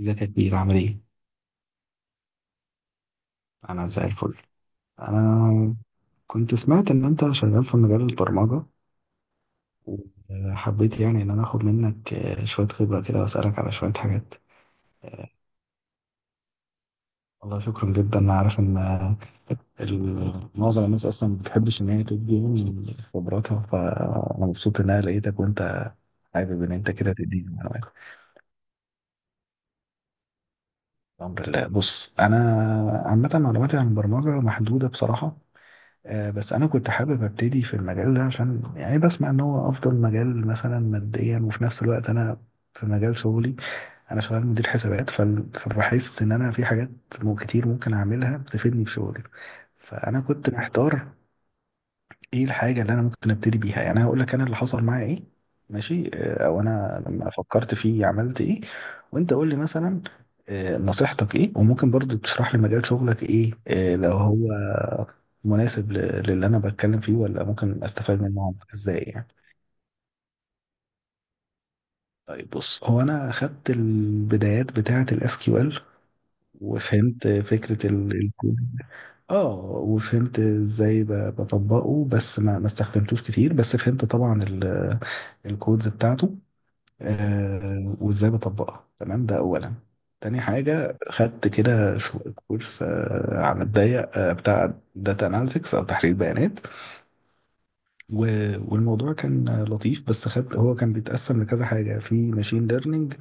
ازيك يا كبير؟ عامل ايه؟ انا زي الفل. انا كنت سمعت ان انت شغال في مجال البرمجة، وحبيت يعني ان انا اخد منك شوية خبرة كده واسألك على شوية حاجات. آه، والله شكرا جدا. انا عارف ان معظم الناس اصلا ما بتحبش ان هي تدي من خبراتها، فانا مبسوط ان انا لقيتك وانت حابب ان انت كده تديني معلومات. الحمد لله. بص، انا عامة معلوماتي عن البرمجة محدودة بصراحة. بس انا كنت حابب ابتدي في المجال ده، عشان يعني بسمع ان هو افضل مجال مثلا ماديا. وفي نفس الوقت انا في مجال شغلي، انا شغال مدير حسابات، فبحس ان انا في حاجات كتير ممكن اعملها بتفيدني في شغلي. فانا كنت محتار ايه الحاجة اللي انا ممكن ابتدي بيها. يعني هقول لك انا اللي حصل معايا ايه، ماشي؟ او انا لما فكرت فيه عملت ايه، وانت قول لي مثلا نصيحتك ايه، وممكن برضو تشرح لي مجال شغلك ايه لو هو مناسب للي انا بتكلم فيه، ولا ممكن استفاد منه ازاي يعني. طيب بص، هو انا خدت البدايات بتاعة الاس كيو ال وفهمت فكرة. اه، وفهمت ازاي بطبقه، بس ما استخدمتوش كتير، بس فهمت طبعا الكودز بتاعته وازاي بطبقها. تمام، ده اولا. تاني حاجة خدت كده كورس على الضيق، بتاع داتا اناليتكس او تحليل بيانات. والموضوع كان لطيف، بس خدت، هو كان بيتقسم لكذا حاجة. في ماشين ليرنينج،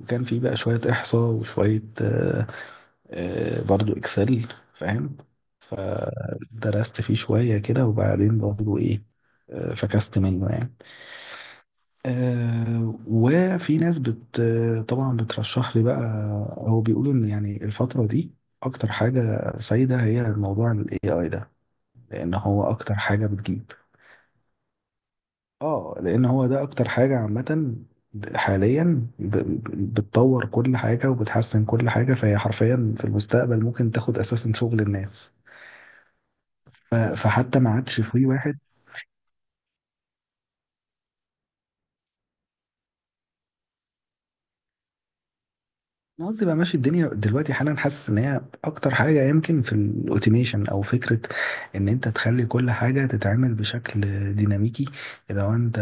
وكان في بقى شوية احصاء، وشوية برضو اكسل، فاهم؟ فدرست فيه شوية كده، وبعدين برضو ايه، فكست منه يعني. وفي ناس طبعا بترشح لي بقى، او بيقولوا ان يعني الفترة دي اكتر حاجة سايدة هي موضوع ال AI ده، لان هو اكتر حاجة بتجيب. اه، لان هو ده اكتر حاجة عامة حاليا بتطور كل حاجة وبتحسن كل حاجة، فهي حرفيا في المستقبل ممكن تاخد اساسا شغل الناس. فحتى ما عادش في واحد. انا قصدي بقى، ماشي، الدنيا دلوقتي حالا حاسس ان هي اكتر حاجه، يمكن في الاوتوميشن، او فكره ان انت تخلي كل حاجه تتعمل بشكل ديناميكي. لو انت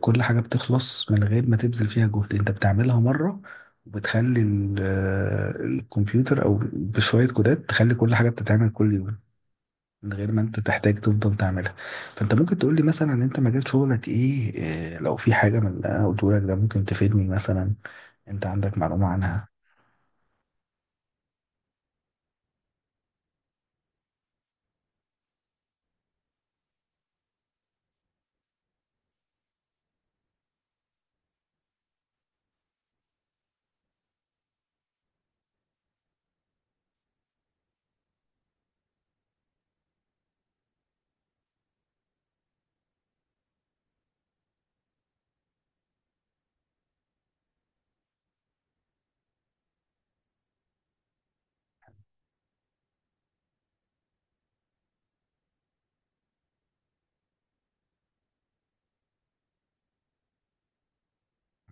كل حاجه بتخلص من غير ما تبذل فيها جهد، انت بتعملها مره، وبتخلي الكمبيوتر او بشويه كودات تخلي كل حاجه بتتعمل كل يوم من غير ما انت تحتاج تفضل تعملها. فانت ممكن تقول لي مثلا انت مجال شغلك ايه، إيه، لو في حاجه من اللي انا قلته لك ده ممكن تفيدني مثلا، انت عندك معلومه عنها؟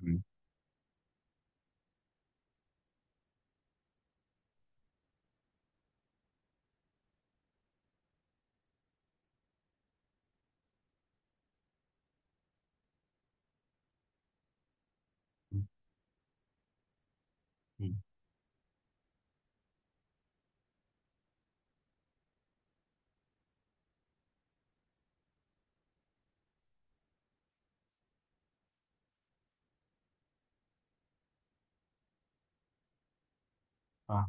مم. مم. اه.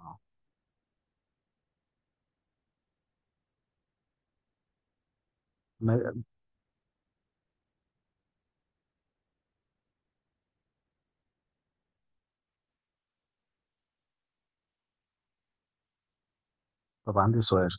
اه. ما- طب عندي سؤال.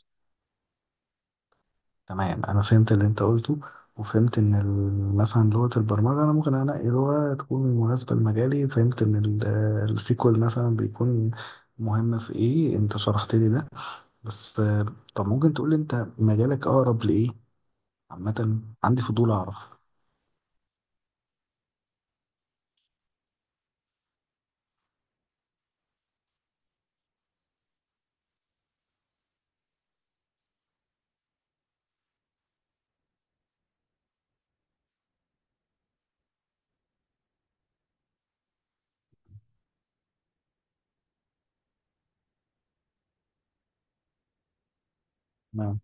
تمام، انا فهمت اللي انت قلته، وفهمت ان مثلا لغه البرمجه انا ممكن انقي لغه تكون مناسبه لمجالي. فهمت ان السيكوال مثلا بيكون مهم في ايه، انت شرحت لي ده. بس طب ممكن تقول لي انت مجالك اقرب لايه؟ عامة عندي فضول أعرف. نعم.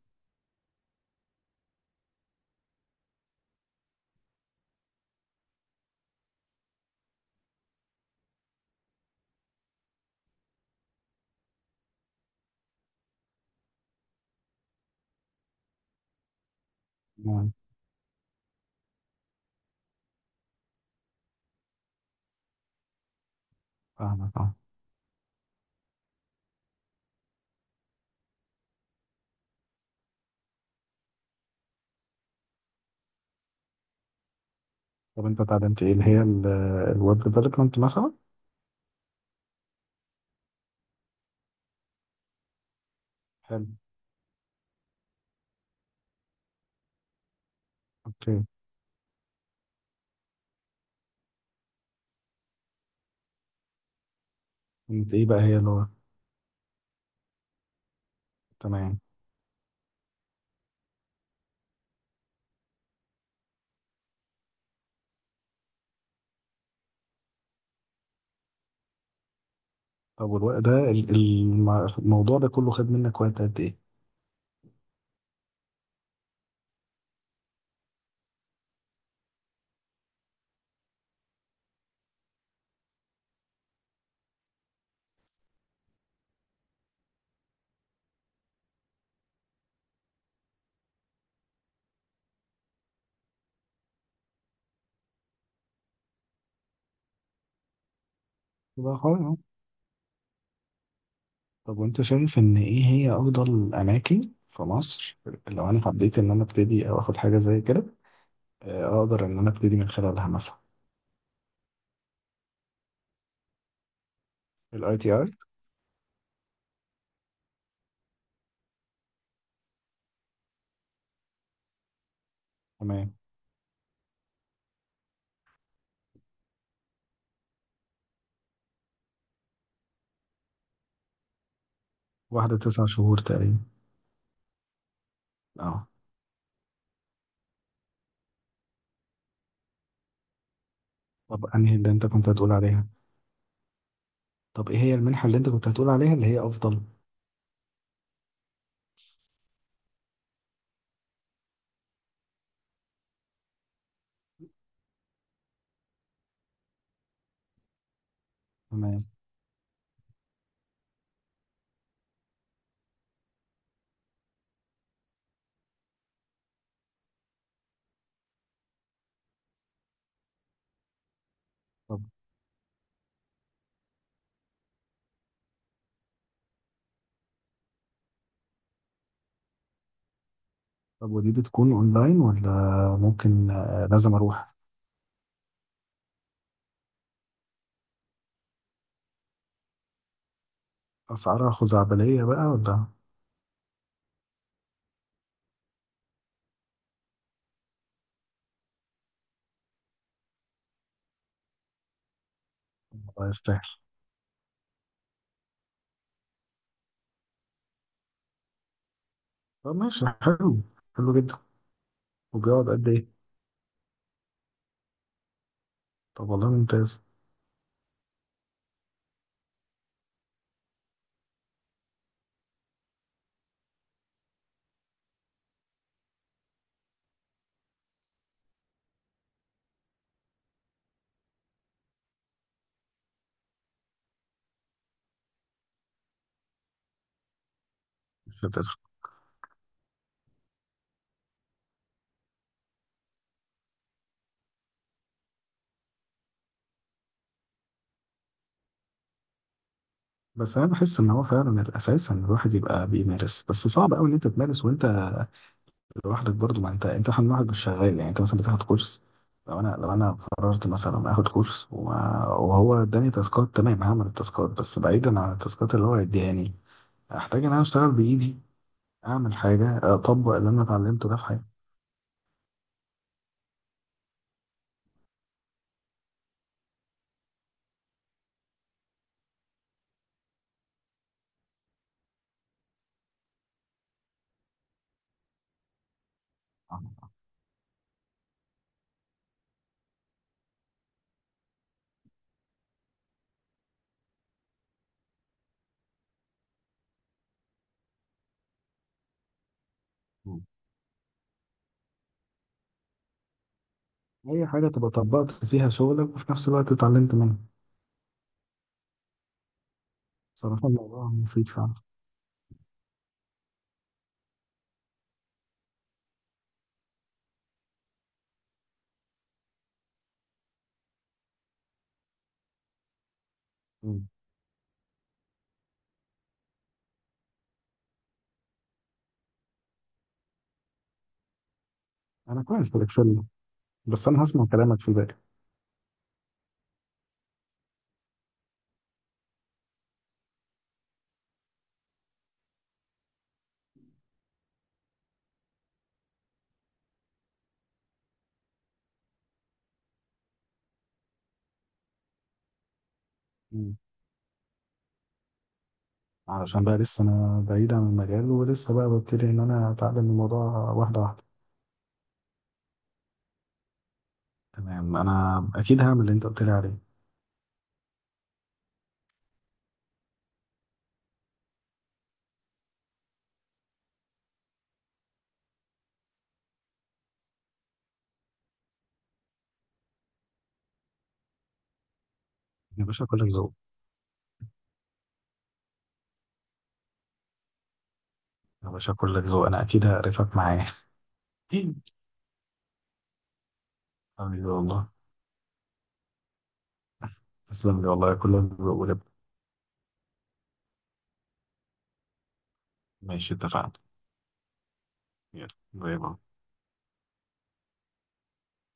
نعم، فاهمك أه. طب أنت اتعلمت إيه؟ اللي هي الويب ديفلوبمنت مثلا؟ حلو. أوكي. أنت إيه بقى هي اللغة؟ تمام. طب والوقت ده، الموضوع ده كله خد منك وقت قد إيه؟ بقى خالص أهو. طب وأنت شايف إن إيه هي أفضل أماكن في مصر، لو أنا حبيت إن أنا أبتدي أو آخد حاجة زي كده، أقدر إن أنا أبتدي من خلالها مثلا؟ الأي تي أي. تمام. واحدة تسع شهور تقريبا. أه. طب أنهي اللي أنت كنت هتقول عليها؟ طب ايه هي المنحة اللي انت كنت هتقول عليها اللي هي افضل؟ تمام. طب. طب ودي بتكون اونلاين، ولا ممكن لازم اروح؟ اسعارها خزعبلية بقى ولا؟ ولا يستاهل؟ طب ماشي، حلو. حلو جدا. وبيقعد قد ايه؟ طب والله ممتاز. مش هتفرق. بس انا بحس ان هو فعلا الاساس ان الواحد يبقى بيمارس، بس صعب قوي ان انت تمارس وانت لوحدك. برضو ما انت، احنا لوحدك مش شغال يعني. انت مثلا بتاخد كورس، لو انا قررت مثلا اخد كورس وهو اداني تاسكات، تمام، هعمل التاسكات. بس بعيدا عن التاسكات اللي هو اديهاني، احتاج ان انا اشتغل بايدي، اعمل حاجه، اطبق اللي انا اتعلمته ده في حياتي. اي حاجه تبقى طبقت فيها شغلك وفي نفس الوقت اتعلمت منها. بصراحه الموضوع مفيد فعلا. مم. انا كويس في الاكسل، بس انا هسمع كلامك في بالي. علشان بقى لسه انا بعيد عن المجال، ولسه بقى ببتدي ان انا اتعلم الموضوع واحده واحده. تمام انا اكيد هعمل اللي انت قلت لي عليه. يا باشا كلك ذوق. يا باشا كلك ذوق، انا اكيد هقرفك معايا حبيبي والله. تسلم لي والله، كلك ذوق ولب. ماشي، اتفقنا. يلا، باي باي.